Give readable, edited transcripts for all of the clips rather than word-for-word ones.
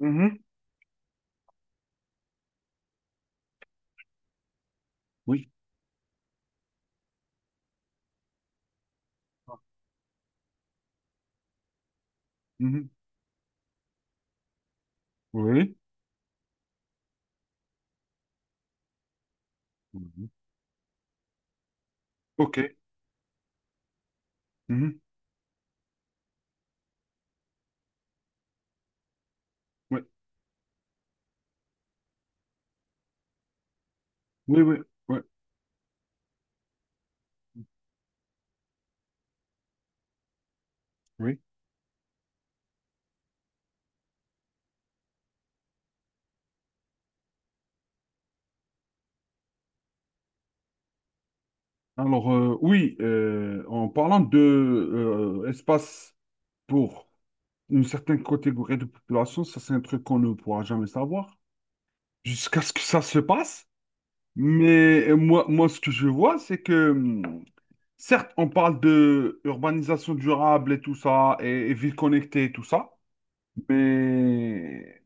Mhm. Oui. Mhm. Oui. Mhm. OK. Mhm. Oui. Oui, oui, oui, oui. Alors, en parlant de espace pour une certaine catégorie de population, ça, c'est un truc qu'on ne pourra jamais savoir jusqu'à ce que ça se passe. Mais moi, ce que je vois, c'est que, certes, on parle de urbanisation durable et tout ça, et ville connectée et tout ça, mais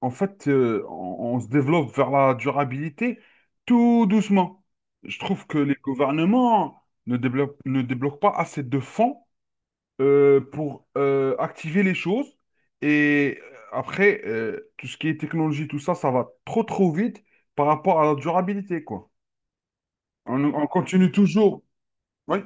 en fait, on se développe vers la durabilité tout doucement. Je trouve que les gouvernements ne débloquent pas assez de fonds pour activer les choses. Et après, tout ce qui est technologie, tout ça, ça va trop trop vite par rapport à la durabilité, quoi. On continue toujours. Oui.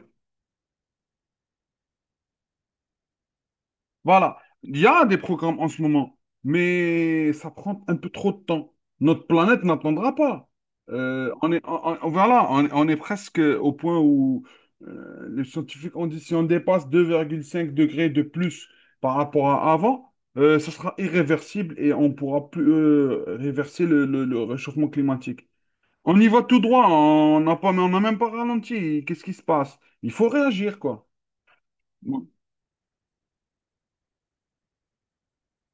Voilà, il y a des programmes en ce moment, mais ça prend un peu trop de temps. Notre planète n'attendra pas. On est, on- Voilà, on est presque au point où les scientifiques ont dit si on dépasse 2,5 degrés de plus par rapport à avant, ça sera irréversible et on pourra plus réverser le réchauffement climatique. On y va tout droit, on n'a même pas ralenti. Qu'est-ce qui se passe? Il faut réagir, quoi.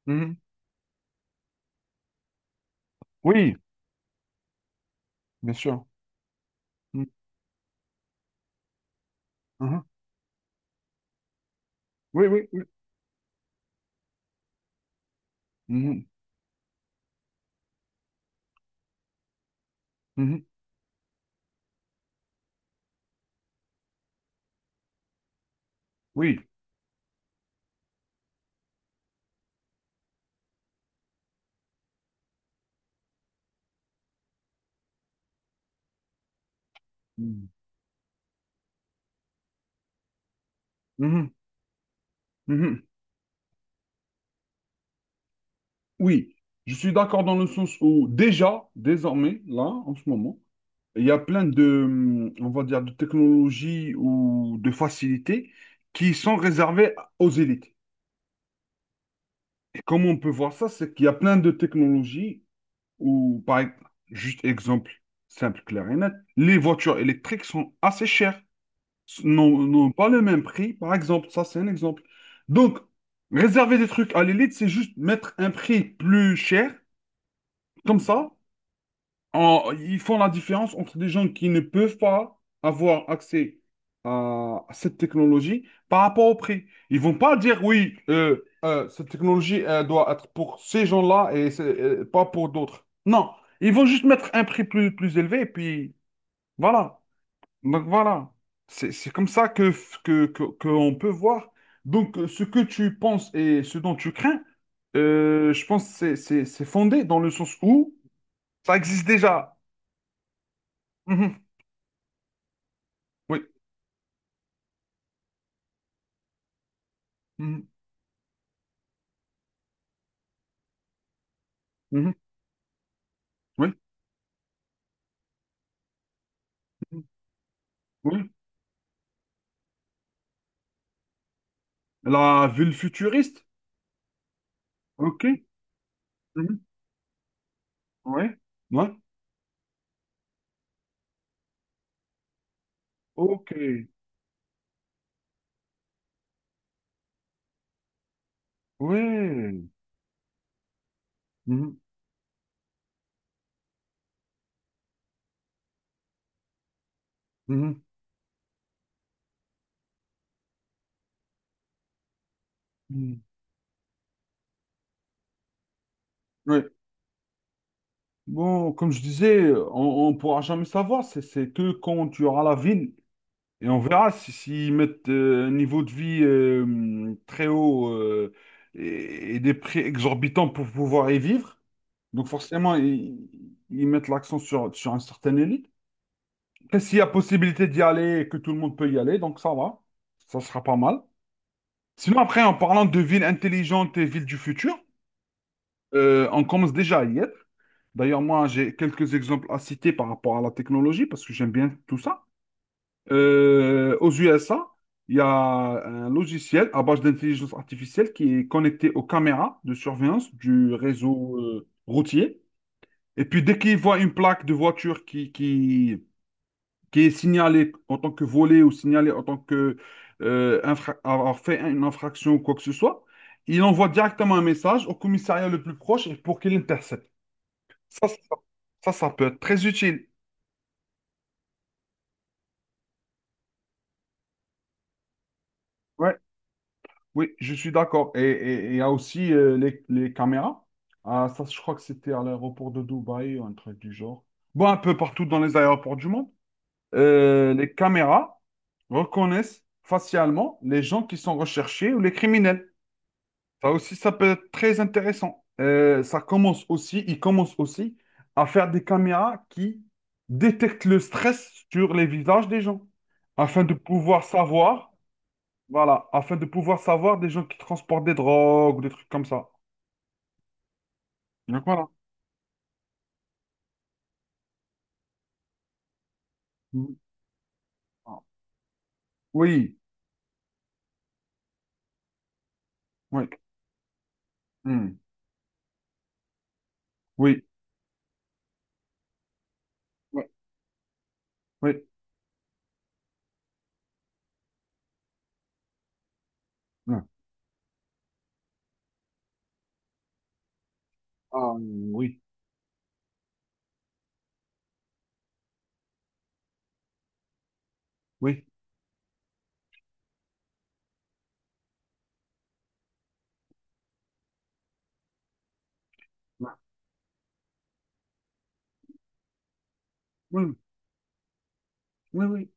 Mhm. Oui, bien sûr. Mhm. Oui, oui, oui. Mhm, mhm, oui. Mhm, mhm, mhm. Oui, je suis d'accord dans le sens où déjà, désormais, là, en ce moment, il y a plein de, on va dire, de technologies ou de facilités qui sont réservées aux élites. Et comment on peut voir ça, c'est qu'il y a plein de technologies où, juste exemple simple, clair et net, les voitures électriques sont assez chères. N'ont pas le même prix, par exemple. Ça, c'est un exemple. Donc, réserver des trucs à l'élite, c'est juste mettre un prix plus cher. Comme ça, ils font la différence entre des gens qui ne peuvent pas avoir accès à cette technologie par rapport au prix. Ils vont pas dire, oui, cette technologie, elle doit être pour ces gens-là et pas pour d'autres. Non, ils vont juste mettre un prix plus élevé et puis voilà. Donc voilà, c'est comme ça que on peut voir. Donc ce que tu penses et ce dont tu crains, je pense que c'est fondé dans le sens où ça existe déjà. Mhm. Oui. Mhm. Mhm. Oui. Mhm. Oui. La ville futuriste. OK. Mhm. Oui. Ouais. OK. Oui. Mhm. Mhm. Mhm. Oui. Bon, comme je disais, on ne pourra jamais savoir. C'est que quand tu auras la ville. Et on verra si s'ils mettent un niveau de vie très haut, et des prix exorbitants pour pouvoir y vivre. Donc forcément, ils mettent l'accent sur une certaine élite. Après, s'il y a possibilité d'y aller et que tout le monde peut y aller, donc ça va, ça sera pas mal. Sinon, après, en parlant de villes intelligentes et villes du futur, on commence déjà à y être. D'ailleurs, moi, j'ai quelques exemples à citer par rapport à la technologie, parce que j'aime bien tout ça. Aux USA, il y a un logiciel à base d'intelligence artificielle qui est connecté aux caméras de surveillance du réseau routier. Et puis, dès qu'il voit une plaque de voiture qui est signalée en tant que volée ou signalée en tant que avoir fait une infraction ou quoi que ce soit, il envoie directement un message au commissariat le plus proche pour qu'il intercepte. Ça, ça, ça peut être très utile. Ouais. Oui, je suis d'accord. Et et il y a aussi les caméras. Ah, ça, je crois que c'était à l'aéroport de Dubaï ou un truc du genre. Bon, un peu partout dans les aéroports du monde. Les caméras reconnaissent facialement les gens qui sont recherchés ou les criminels. Ça aussi, ça peut être très intéressant. Ils commencent aussi à faire des caméras qui détectent le stress sur les visages des gens afin de pouvoir savoir. Voilà, afin de pouvoir savoir des gens qui transportent des drogues, ou des trucs comme ça. Donc voilà. Mm. Ah. Oui, oui. Mm. Oui, oui, oui. Mm. Ah, oui, oui. Mm. Oui, oui, oui.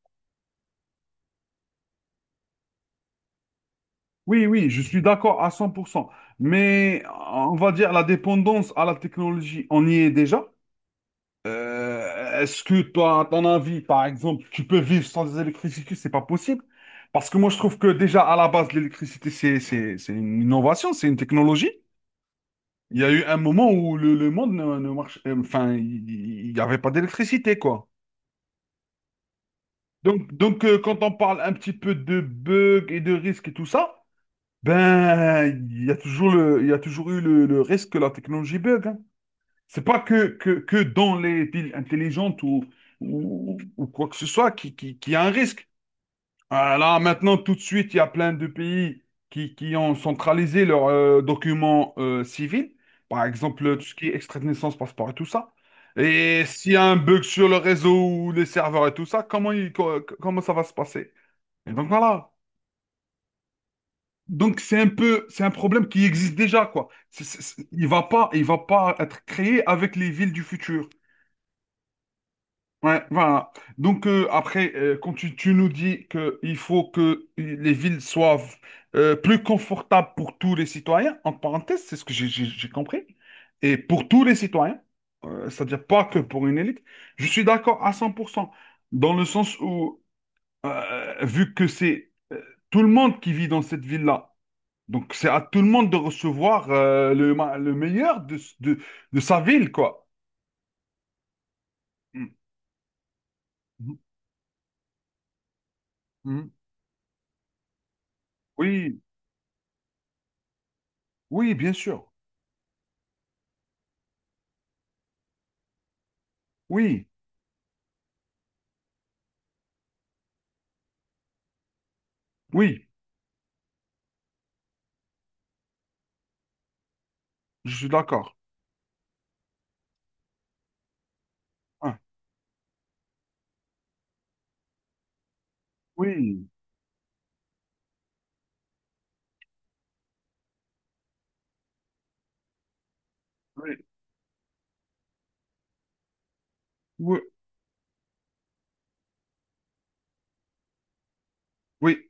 Oui, oui, je suis d'accord à 100%. Mais on va dire la dépendance à la technologie, on y est déjà. Est-ce que toi, à ton avis, par exemple, tu peux vivre sans électricité? C'est pas possible. Parce que moi, je trouve que déjà, à la base, l'électricité, c'est une innovation, c'est une technologie. Il y a eu un moment où le monde ne, ne marche, enfin, il n'y avait pas d'électricité, quoi. Donc, quand on parle un petit peu de bugs et de risques et tout ça, ben, il y a toujours eu le risque que la technologie bug. Hein. C'est pas que dans les villes intelligentes ou quoi que ce soit qui a un risque. Ah, là, maintenant, tout de suite, il y a plein de pays qui ont centralisé leurs documents civils, par exemple tout ce qui est extrait de naissance, passeport et tout ça. Et s'il y a un bug sur le réseau ou les serveurs et tout ça, comment ça va se passer? Et donc voilà. Donc c'est un peu, c'est un problème qui existe déjà, quoi. Il va pas être créé avec les villes du futur. Ouais, voilà. Donc après, quand tu nous dis qu'il faut que les villes soient plus confortables pour tous les citoyens, en parenthèse, c'est ce que j'ai compris, et pour tous les citoyens, c'est-à-dire pas que pour une élite, je suis d'accord à 100% dans le sens où, vu que c'est tout le monde qui vit dans cette ville-là, donc c'est à tout le monde de recevoir le meilleur de sa ville, quoi. Mm. Mhm. Mhm. Oui, oui, bien sûr. Oui, oui, je suis d'accord. Ah, oui, oui, oui, oui,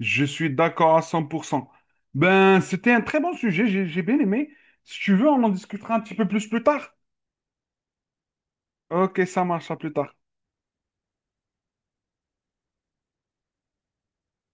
je suis d'accord à 100%. Ben, c'était un très bon sujet, j'ai bien aimé. Si tu veux, on en discutera un petit peu plus tard. Ok, ça marche, à plus tard.